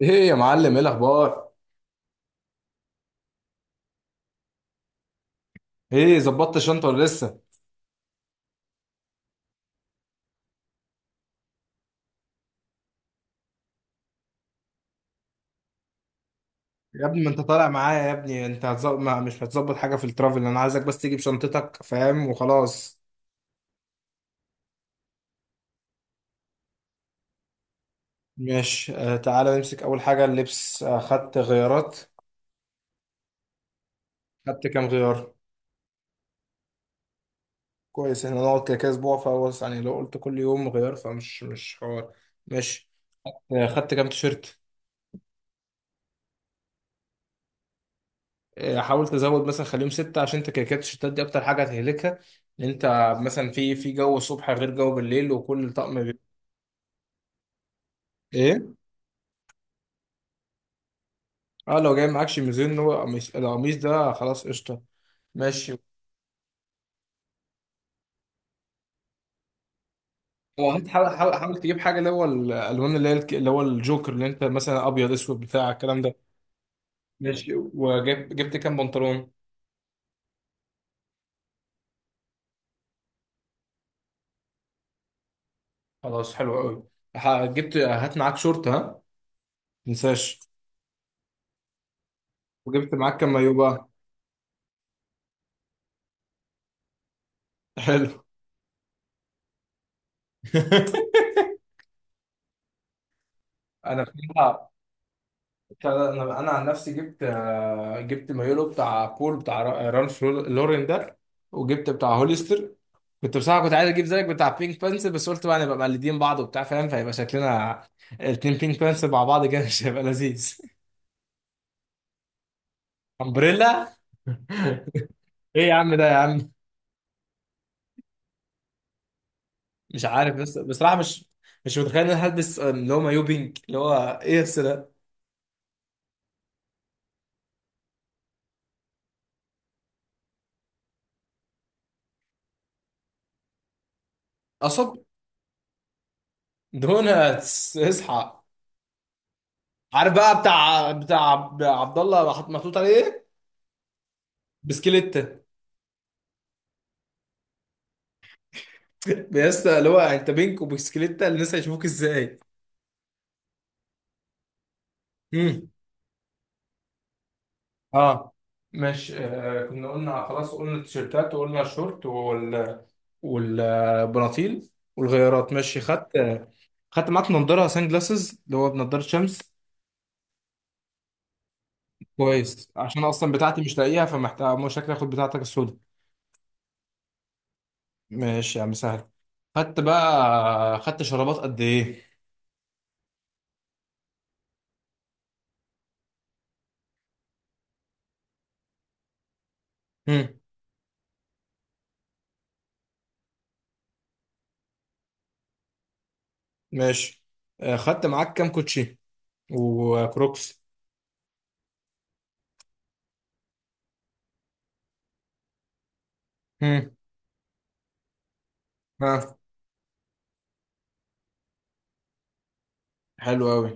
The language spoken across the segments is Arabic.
ايه يا معلم، ايه الاخبار؟ ايه، ظبطت الشنطه ولا لسه؟ يا ابني ما انت طالع معايا يا ابني، انت هتزب... ما مش هتظبط حاجه في الترافل، انا عايزك بس تيجي بشنطتك فاهم وخلاص. ماشي آه، تعالى نمسك اول حاجه اللبس. آه خدت غيارات؟ خدت كام غيار؟ كويس، احنا نقعد كده كده اسبوع، فهو يعني لو قلت كل يوم غيار فمش مش حوار. ماشي، آه خدت كام تيشيرت؟ آه حاولت ازود مثلا خليهم سته، عشان انت كده كده التيشيرتات دي اكتر حاجه هتهلكها ان انت مثلا في جو الصبح غير جو بالليل، وكل طقم ايه. اه لو جاي معاكش ميزان، هو قميص، القميص ده خلاص قشطه. ماشي، وحاول حاول حاول حاول تجيب حاجه اللي هو الالوان اللي هي اللي هو الجوكر، اللي انت مثلا ابيض اسود بتاع الكلام ده. ماشي، جبت كام بنطلون؟ خلاص، حلو قوي. جبت، هات معاك شورت ها، متنساش. وجبت معاك كام مايو بقى؟ حلو. انا فيها بتاع ده، انا عن نفسي جبت آه، جبت مايولو بتاع بول، بتاع رالف لورين ده، وجبت بتاع هوليستر. كنت بصراحه كنت عايز اجيب زيك بتاع بينك بانس، بس قلت بقى نبقى مقلدين بعض وبتاع فاهم، فيبقى شكلنا الاتنين بينك بانس مع بعض كده مش هيبقى لذيذ. امبريلا؟ ايه يا عم ده يا عم. مش عارف بس بصراحه، مش متخيل ان انا هلبس آه، اللي هو مايو بينك، اللي هو ايه الس ده. قصب. دوناتس اصحى. عارف بقى، بتاع عبد الله محطوط عليه ايه؟ بسكليت. يا اسطى اللي هو انت بينك وبسكليتة، الناس هيشوفوك ازاي؟ امم اه مش آه، كنا قلنا خلاص، قلنا التيشيرتات وقلنا الشورت وال والبناطيل والغيارات. ماشي، خدت؟ خدت معاك نضاره سان جلاسز اللي هو بنضاره شمس؟ كويس، عشان اصلا بتاعتي مش لاقيها فمحتاج، مش شكلي اخد بتاعتك السودا. ماشي يا عم سهل. خدت بقى، خدت شرابات قد ايه؟ هم. ماشي آه، خدت معاك كام كوتشي وكروكس؟ هم. ها، حلو قوي.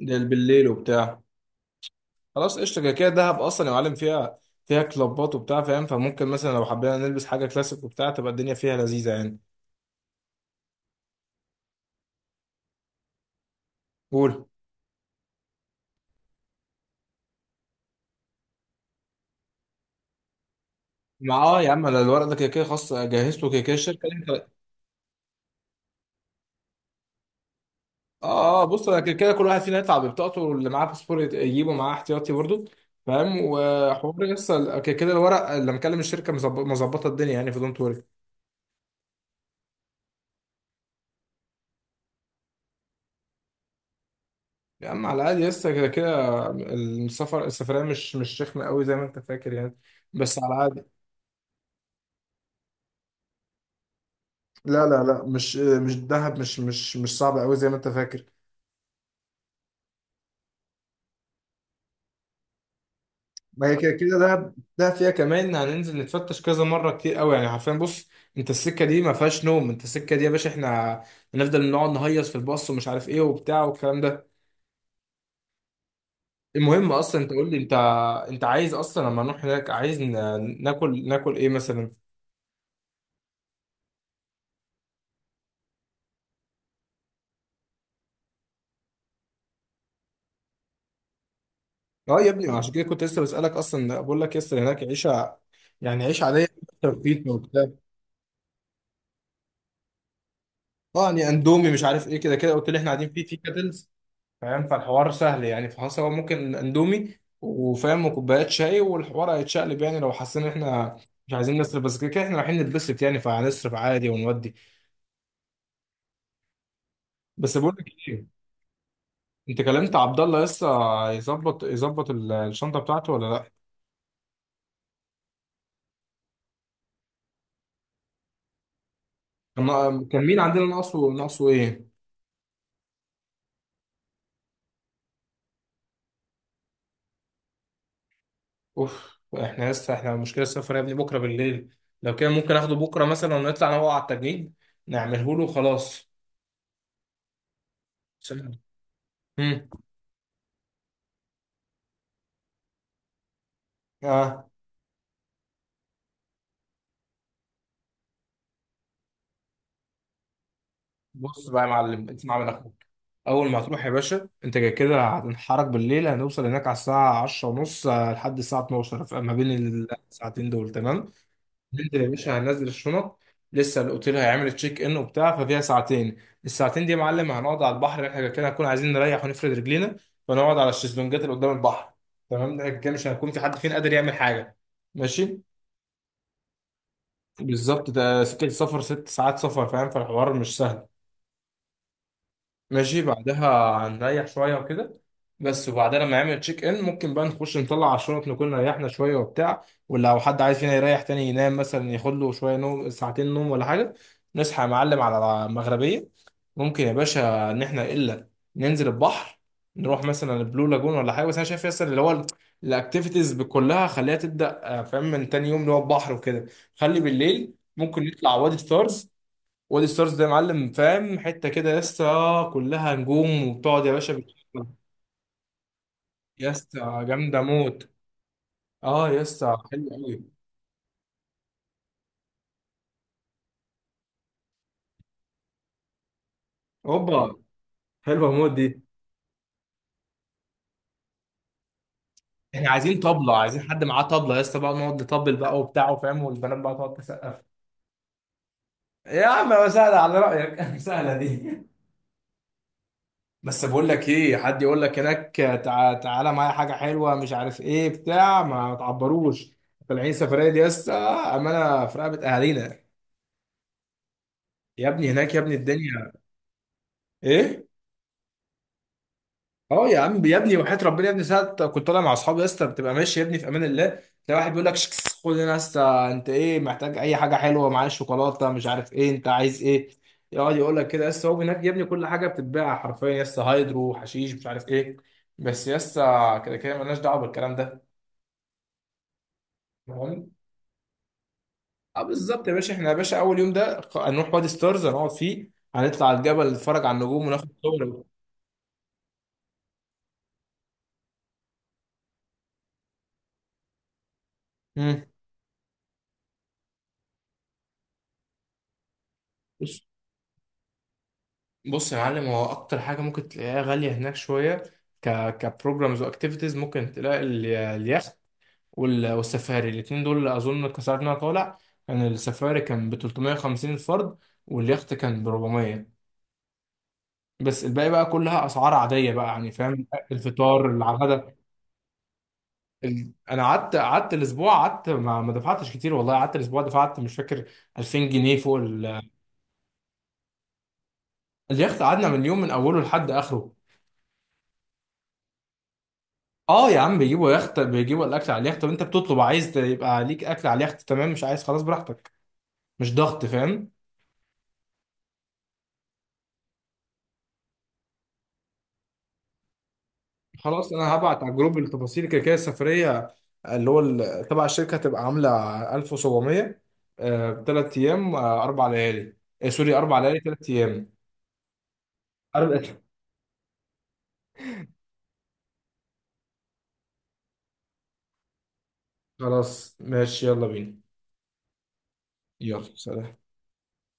ده بالليل وبتاع. خلاص قشطة، كده كده دهب أصلا يا معلم، فيها فيها كلابات وبتاع فاهم، فممكن مثلا لو حبينا نلبس حاجة كلاسيك وبتاع تبقى الدنيا فيها لذيذة يعني. قول. مع اه، يا عم انا الورق ده كده كده خلاص جهزته، كده كده الشركة انت. اه اه، بص انا كده كده كل واحد فينا يطلع ببطاقته اللي معاه باسبور، يجيبه معاه احتياطي برضه فاهم، وحوار لسه كده كده الورق، اللي مكلم الشركة مظبطة الدنيا يعني، في دونت وري. يا عم على الأقل، لسه كده كده السفر، السفرية مش رخمة قوي زي ما أنت فاكر يعني، بس على الأقل. لا مش دهب، مش صعب قوي زي ما انت فاكر. ما هي كده كده دهب، دهب فيها كمان هننزل نتفتش كذا مره، كتير قوي يعني حرفيا. بص انت السكه دي ما فيهاش نوم، انت السكه دي يا باشا، احنا هنفضل نقعد نهيص في الباص ومش عارف ايه وبتاع والكلام ده. المهم اصلا انت قول لي انت، انت عايز اصلا لما نروح هناك عايز ناكل ايه مثلا؟ اه يا ابني، عشان كده كنت لسه بسالك اصلا بقول لك، يس هناك عيشه، يعني عيش عاديه. بيتزا وبتاع؟ اه يعني اندومي مش عارف ايه، كده كده قلت لي احنا قاعدين في كاتلز، فاهم، فالحوار سهل يعني. فخلاص هو ممكن اندومي وفاهم وكوبايات شاي، والحوار هيتشقلب يعني لو حسينا إن احنا مش عايزين نصرف، بس كده كده احنا رايحين نتبسط يعني، فهنصرف عادي ونودي. بس بقول لك ايه، انت كلمت عبد الله لسه؟ يظبط الشنطه بتاعته ولا لا؟ كان مين عندنا ناقصه؟ ناقصه ايه؟ اوف، احنا لسه احنا، مشكله السفر يا ابني بكره بالليل، لو كان ممكن اخده بكره مثلا ونطلع انا وهو على التجنيد نعمله له خلاص. سلام. امم اه، بص بقى يا معلم، اسمع من اخوك. اول ما هتروح يا باشا انت كده كده هتنحرك بالليل، هنوصل هناك على الساعه 10 ونص لحد الساعه 12، فما بين الساعتين دول تمام، ننزل يا باشا، هننزل الشنط. لسه الاوتيل هيعمل تشيك ان وبتاع، ففيها ساعتين. الساعتين دي يا معلم هنقعد على البحر، احنا كده كده هنكون عايزين نريح ونفرد رجلينا، فنقعد على الشезлونجات اللي قدام البحر تمام. ده كده مش هيكون في حد فينا قادر يعمل حاجه. ماشي. بالظبط، ده سكه سفر، ست ساعات سفر فاهم، فالحوار مش سهل. ماشي بعدها هنريح شوية وكده. بس وبعدها لما يعمل تشيك ان ممكن بقى نخش نطلع على الشنط، نكون ريحنا شوية وبتاع، ولو حد عايز فينا يريح تاني ينام مثلا ياخد له شوية نوم، ساعتين نوم ولا حاجة. نصحى يا معلم على المغربية، ممكن يا باشا إن إحنا إلا ننزل البحر، نروح مثلا البلو لاجون ولا حاجة. بس أنا شايف ياسر، اللي هو الأكتيفيتيز كلها خليها تبدأ آه، فاهم، من تاني يوم، اللي هو البحر وكده. خلي بالليل ممكن نطلع وادي ستارز. وادي ستارز ده يا معلم فاهم، حته كده يا اسطى كلها نجوم، وبتقعد يا باشا بتشوفها. يا اسطى جامده موت. اه يا اسطى حلوه قوي. اوبا، حلوه موت دي. احنا عايزين طبله، عايزين حد معاه طبله يا اسطى بقى، نقعد نطبل بقى وبتاع فاهم، والبنات بقى تقعد تسقف. يا عم سهله على رايك. سهله دي. بس بقول لك ايه، حد يقول لك هناك تعالى معايا حاجه حلوه مش عارف ايه بتاع، ما تعبروش. طالعين سفريه دي يا اسطى، امانه في رقبه اهالينا. يا ابني هناك يا ابني الدنيا. ايه؟ اه يا عم، يا ابني وحياة ربنا يا ابني، ساعة كنت طالع مع اصحابي يا اسطى، بتبقى ماشي يا ابني في امان الله، تلاقي واحد بيقول لك شكس، خد هنا يا اسطى، انت ايه محتاج اي حاجه، حلوه معايا شوكولاته مش عارف ايه، انت عايز ايه، يقعد يقول لك كده يا اسطى. هو هناك يا ابني كل حاجه بتتباع حرفيا يا اسطى، هايدرو حشيش مش عارف ايه. بس يا اسطى كده كده مالناش دعوه بالكلام ده فاهم؟ اه بالظبط. يا باشا احنا يا باشا اول يوم ده هنروح وادي ستارز، هنقعد فيه، هنطلع على الجبل نتفرج على النجوم وناخد صور. امم بص يا معلم، هو اكتر حاجه ممكن تلاقيها غاليه هناك شويه، ك كبروجرامز واكتيفيتيز، ممكن تلاقي اليخت والسفاري، الاثنين دول اظن كسرنا، إن أنا طالع كان السفاري كان ب 350 الفرد، واليخت كان ب 400، بس الباقي بقى كلها اسعار عاديه بقى يعني فاهم. الفطار، الغدا، ال... انا قعدت الاسبوع، قعدت ما دفعتش كتير والله. قعدت الاسبوع دفعت مش فاكر، 2000 جنيه فوق ال... اليخت قعدنا من اليوم من اوله لحد اخره. اه يا عم بيجيبوا يخت، بيجيبوا الاكل على اليخت، طب انت بتطلب عايز يبقى ليك اكل على اليخت تمام، مش عايز خلاص براحتك، مش ضغط فاهم. خلاص، انا هبعت على الجروب التفاصيل، كده كده السفريه اللي هو تبع الشركه هتبقى عامله 1700، ثلاث ايام آه، اربع ليالي آه، سوري، اربع ليالي ثلاث ايام. عارف؟ خلاص ماشي، يلا بينا. يلا سلام.